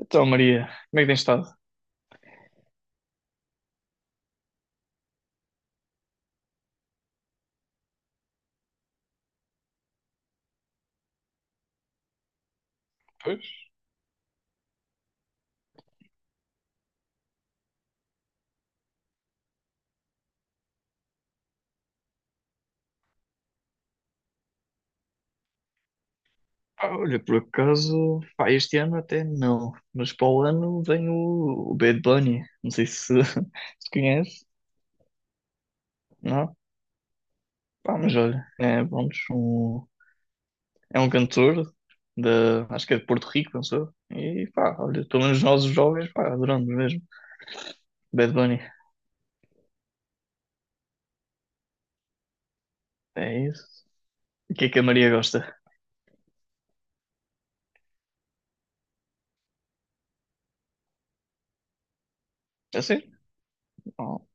Então, Maria, como é que tens estado? Pois. Pá, olha, por acaso, pá, este ano até não, mas para o ano vem o Bad Bunny, não sei se, se conhece, não? Pá, mas olha, é, vamos, é um cantor de, acho que é de Porto Rico, não sou? E pá, olha, pelo menos nós os jovens, pá, adoramos mesmo. Bad Bunny, é isso. E o que é que a Maria gosta? É assim? Oh,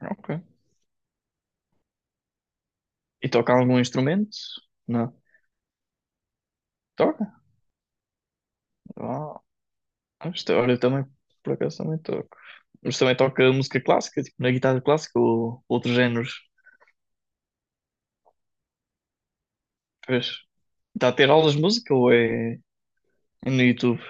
ok. E toca algum instrumento? Não. Toca? Ah, isto, olha, eu também, por acaso, também toco. Mas também toca música clássica, tipo na guitarra clássica ou outros géneros. Pois. Está a ter aulas de música ou é, é no YouTube?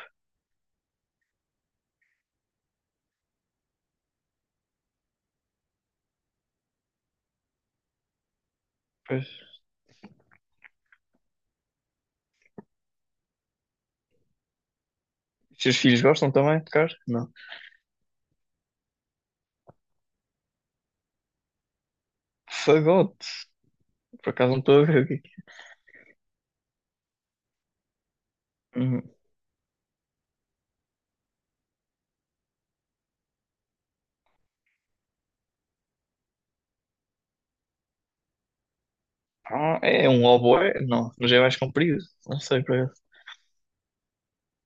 Pois. Os seus filhos gostam também de tocar? Não. Fagote. Por acaso não estou a ver aqui. Ah, é um oboé? Não, mas é mais comprido. Não sei por acaso.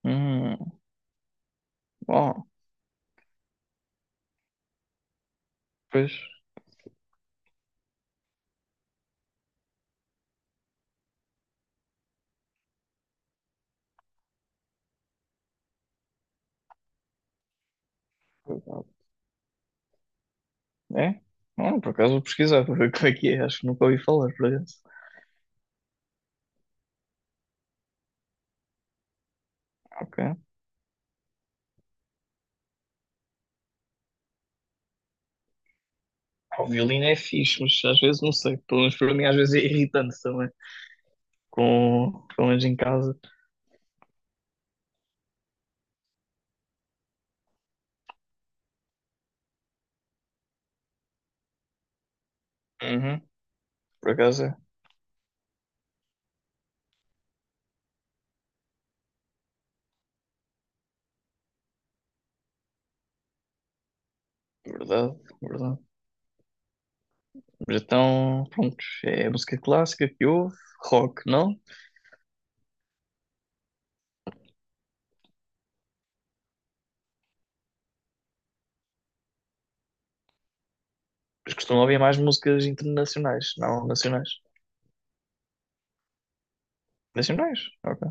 Hum, bom, pois. É? Não, por acaso vou pesquisar para ver como é que é. Acho que nunca ouvi falar, por acaso. Ok. Ah, o violino é fixe, mas às vezes não sei. Pelo menos para mim, às vezes é irritante também. Com, pelo menos em casa. Uhum. Por acaso é. Verdade, verdade. Mas então, pronto. É música clássica que ouve, rock, não? Mas costumam ouvir mais músicas internacionais, não nacionais. Nacionais? Ok.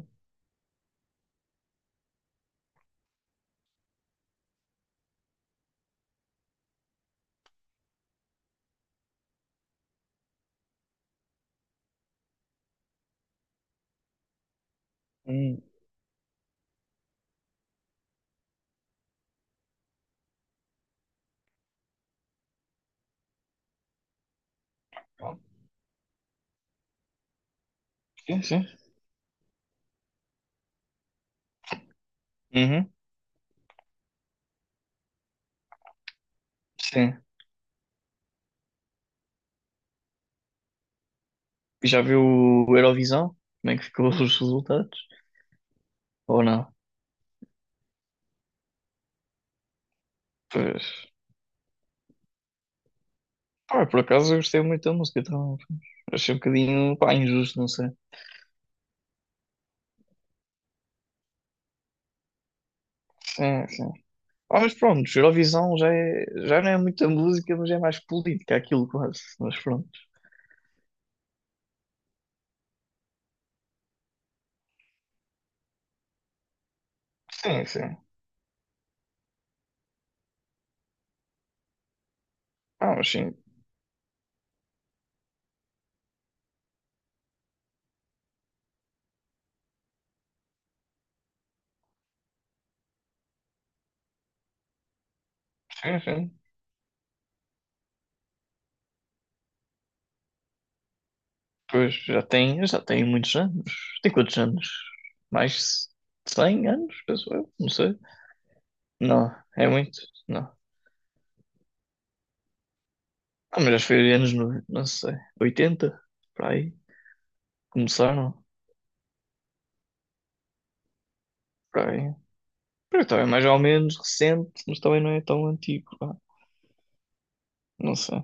Hum. Sim, sim. Uhum, sim. Já viu o Eurovisão? Como é que ficou os resultados? Ou não? Pois. Ah, por acaso eu gostei muito da música, então achei um bocadinho, pá, injusto, não sei. Sim, sim. Ah, mas pronto, Eurovisão já, é, já não é muita música, mas é mais política aquilo quase. Mas pronto. Sim, sim. Ah, mas sim, sim, sim. Pois, já tem muitos anos. Tem quantos anos? Mais de 100 anos, penso eu, não sei. Não, é muito. Não. Ah, mas acho que foi anos, no- não sei, 80 para aí, começaram, para aí. Porque também é mais ou menos recente, mas também não é tão antigo, pá, não sei.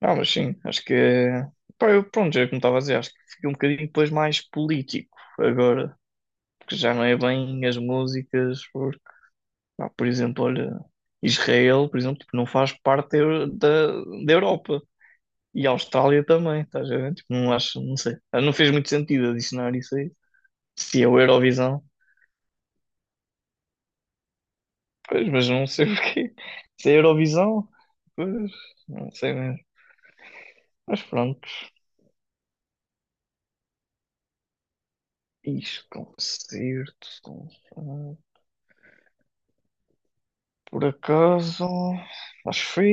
Ah, mas sim, acho que é... Pá, eu, pronto, já é como estava a dizer, acho que fica um bocadinho depois mais político agora, porque já não é bem as músicas, porque, pá, por exemplo, olha, Israel, por exemplo, tipo, não faz parte da, Eu- da Europa. E a Austrália também, estás a ver? Tipo, não acho, não sei. Ah, não fez muito sentido adicionar isso aí. Se é o Eurovisão. Pois, mas não sei o quê. Se é Eurovisão, pois, não sei mesmo. Mas pronto. Isto, é um concerto. Com- ah, por acaso, acho que foi,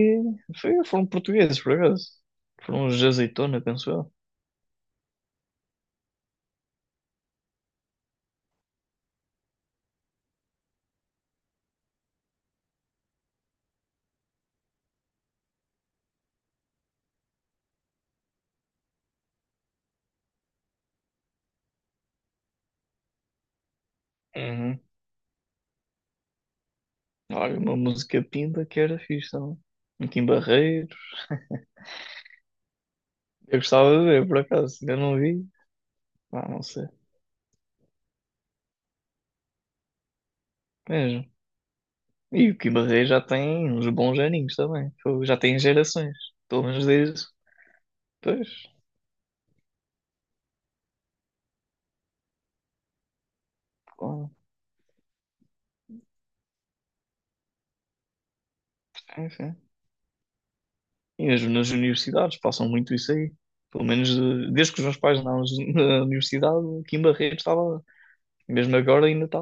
foi- foram portugueses, por acaso. Foram os de Azeitona, penso eu. Uhum. Olha, uma música pinta que era fixe também. Aqui em Barreiros. Eu gostava de ver, por acaso. Ainda não vi. Ah, não sei. Mesmo. E o Kim Barreiros já tem uns bons aninhos também. Fogo, já tem gerações. Pelo menos desde. Pois. Enfim. E mesmo nas universidades passam muito isso aí. Pelo menos desde que os meus pais andavam na universidade, aqui em Barretos estava. Mesmo agora ainda está.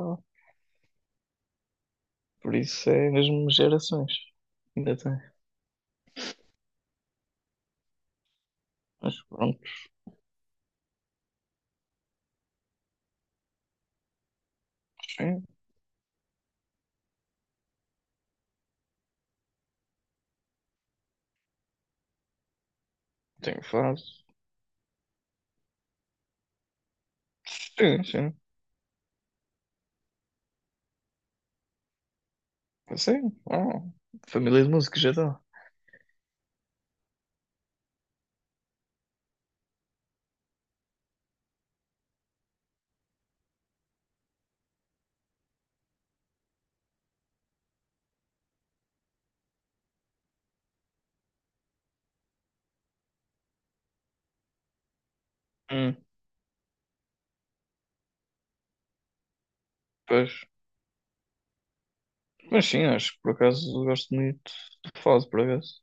Por isso é mesmo gerações. Ainda tem. Mas pronto, sim. Tenho fase. Sim, sim. Sim, uau. Família de música já está. Hum, pois. Mas sim, acho que por acaso eu gosto muito de fado, por acaso.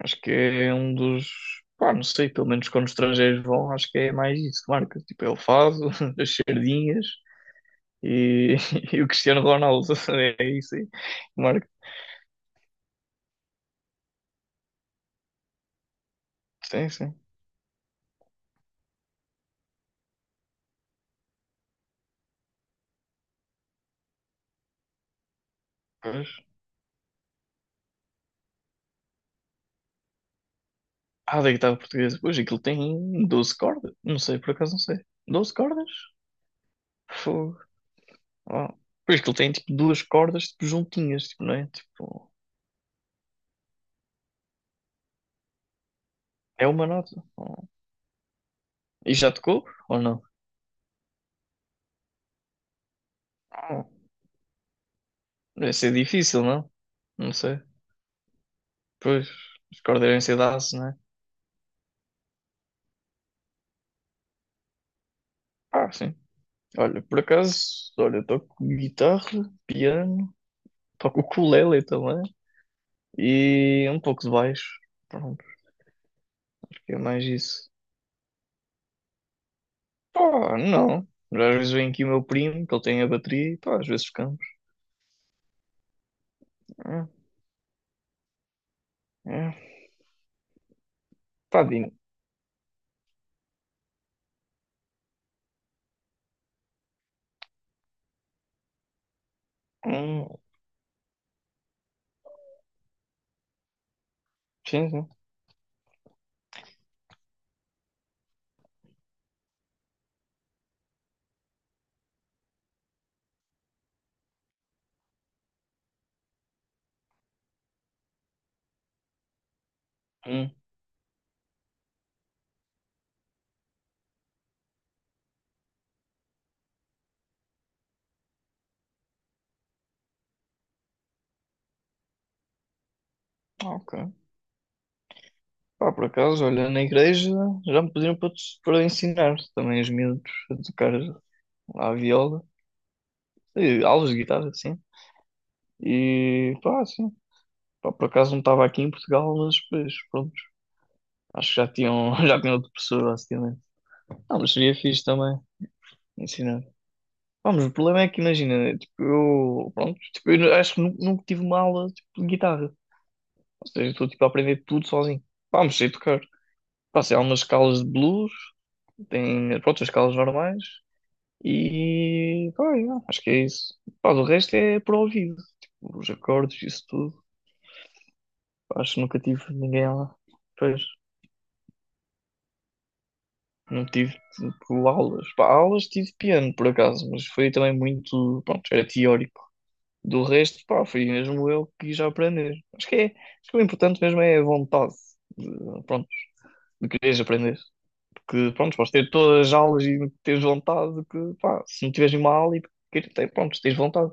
Acho que é um dos. Pá, não sei, pelo menos quando os estrangeiros vão, acho que é mais isso que marca. Tipo, é o fado, as sardinhas e, e o Cristiano Ronaldo, é isso aí. Marca, sim, sim. Pois. Ah, da guitarra portuguesa. Pois, aquilo tem 12 cordas. Não sei, por acaso não sei. Doze cordas? Fogo. Oh. Pois, aquilo tem tipo duas cordas tipo, juntinhas, tipo, não é? Tipo, é uma nota. Oh. E já tocou? Ou não? Oh. Deve ser difícil, não? Não sei. Pois, as cordas devem ser de aço, não é? Ah, sim. Olha, por acaso, olha, eu toco guitarra, piano, toco ukulele também, e um pouco de baixo. Pronto, porque é mais isso. Pá, não. Às vezes vem aqui o meu primo, que ele tem a bateria, e pá, às vezes ficamos. Hum, hum. Pá, Dino. Hum, sim, sim. Hum, ok. Pá, por acaso, olha, na igreja já me pediram para, te- para ensinar também os miúdos a tocar a viola, e aulas de guitarra, assim. E pá, sim. Pá, por acaso não estava aqui em Portugal, mas pois, pronto. Acho que já tinham, já tinham outro professor, basicamente. Não, mas seria fixe também ensinar. Vamos, o problema é que imagina, tipo, eu, pronto, tipo, eu nu- acho que nu- nunca tive uma aula tipo, de guitarra. Ou seja, eu estou tipo, a aprender tudo sozinho. Vamos, sei tocar. Passei algumas escalas de blues, tem, pronto, as escalas normais e, pá, yeah, acho que é isso. Pá, o resto é por ouvido, tipo, os acordes, isso tudo. Pá, acho que nunca tive ninguém lá. Pois, não tive tipo, aulas. Pá, aulas tive piano, por acaso, mas foi também muito, pronto, era teórico. Do resto, pá, fui mesmo eu que quis aprender. Acho que é, acho que o importante mesmo é a vontade de, pronto, de quereres aprender. Porque, pronto, podes ter todas as aulas e teres vontade de que, pá, se não tiveres uma aula e queres ter, pronto, tens vontade.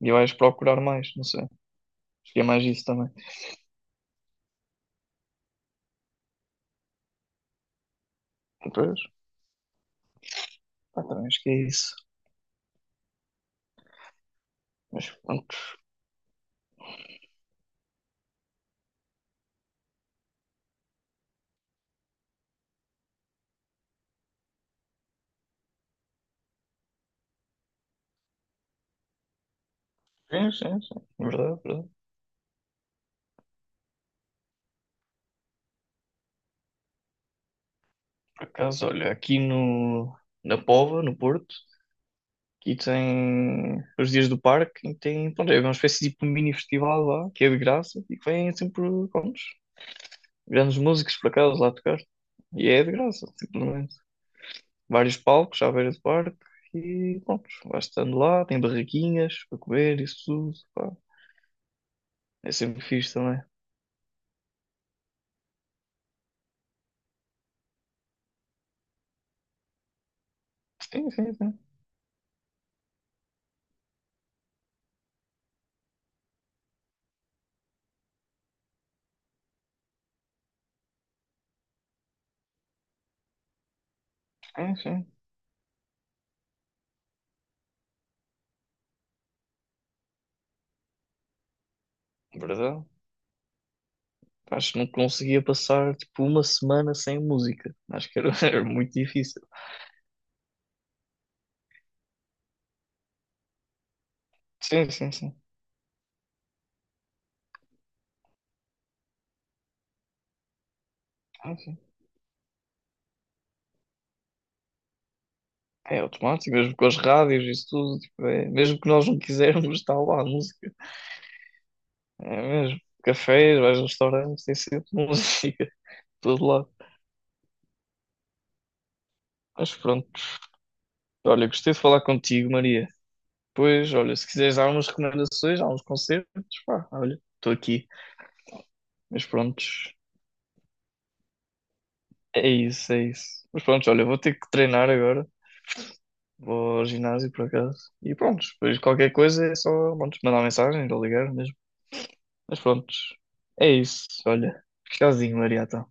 E vais procurar mais, não sei. Acho que é mais isso também. Depois, pá, também acho que é isso. Mas pronto, sim, sim, sim. Verdade, verdade. Por acaso, olha, aqui no, na Póvoa, no Porto, aqui tem os dias do parque e tem, pronto, é uma espécie de tipo um mini festival lá, que é de graça e que vem sempre, pronto, grandes músicos por acaso lá tocar. E é de graça, simplesmente. Vários palcos à beira do parque e pronto, vais estando lá, tem barraquinhas para comer, isso tudo, pá. É sempre fixe também. Sim, sim, sim. Sim, sim. Verdade. Acho que não conseguia passar tipo uma semana sem música. Acho que era, era muito difícil. Sim, sim, sim. É automático, mesmo com as rádios e isso tudo, tipo, é- mesmo que nós não quisermos, está lá a música. É mesmo. Cafés, vais a restaurantes, tem sempre música, de todo lado. Mas pronto, olha, gostei de falar contigo, Maria. Pois, olha, se quiseres dar umas recomendações, há uns concertos, pá, olha, estou aqui. Mas pronto, é isso, é isso. Mas pronto, olha, vou ter que treinar agora. Vou ao ginásio, por acaso. E pronto, depois qualquer coisa é só, pronto, mandar mensagem ou ligar mesmo. Mas pronto, é isso, olha. Tchauzinho, Maria, então.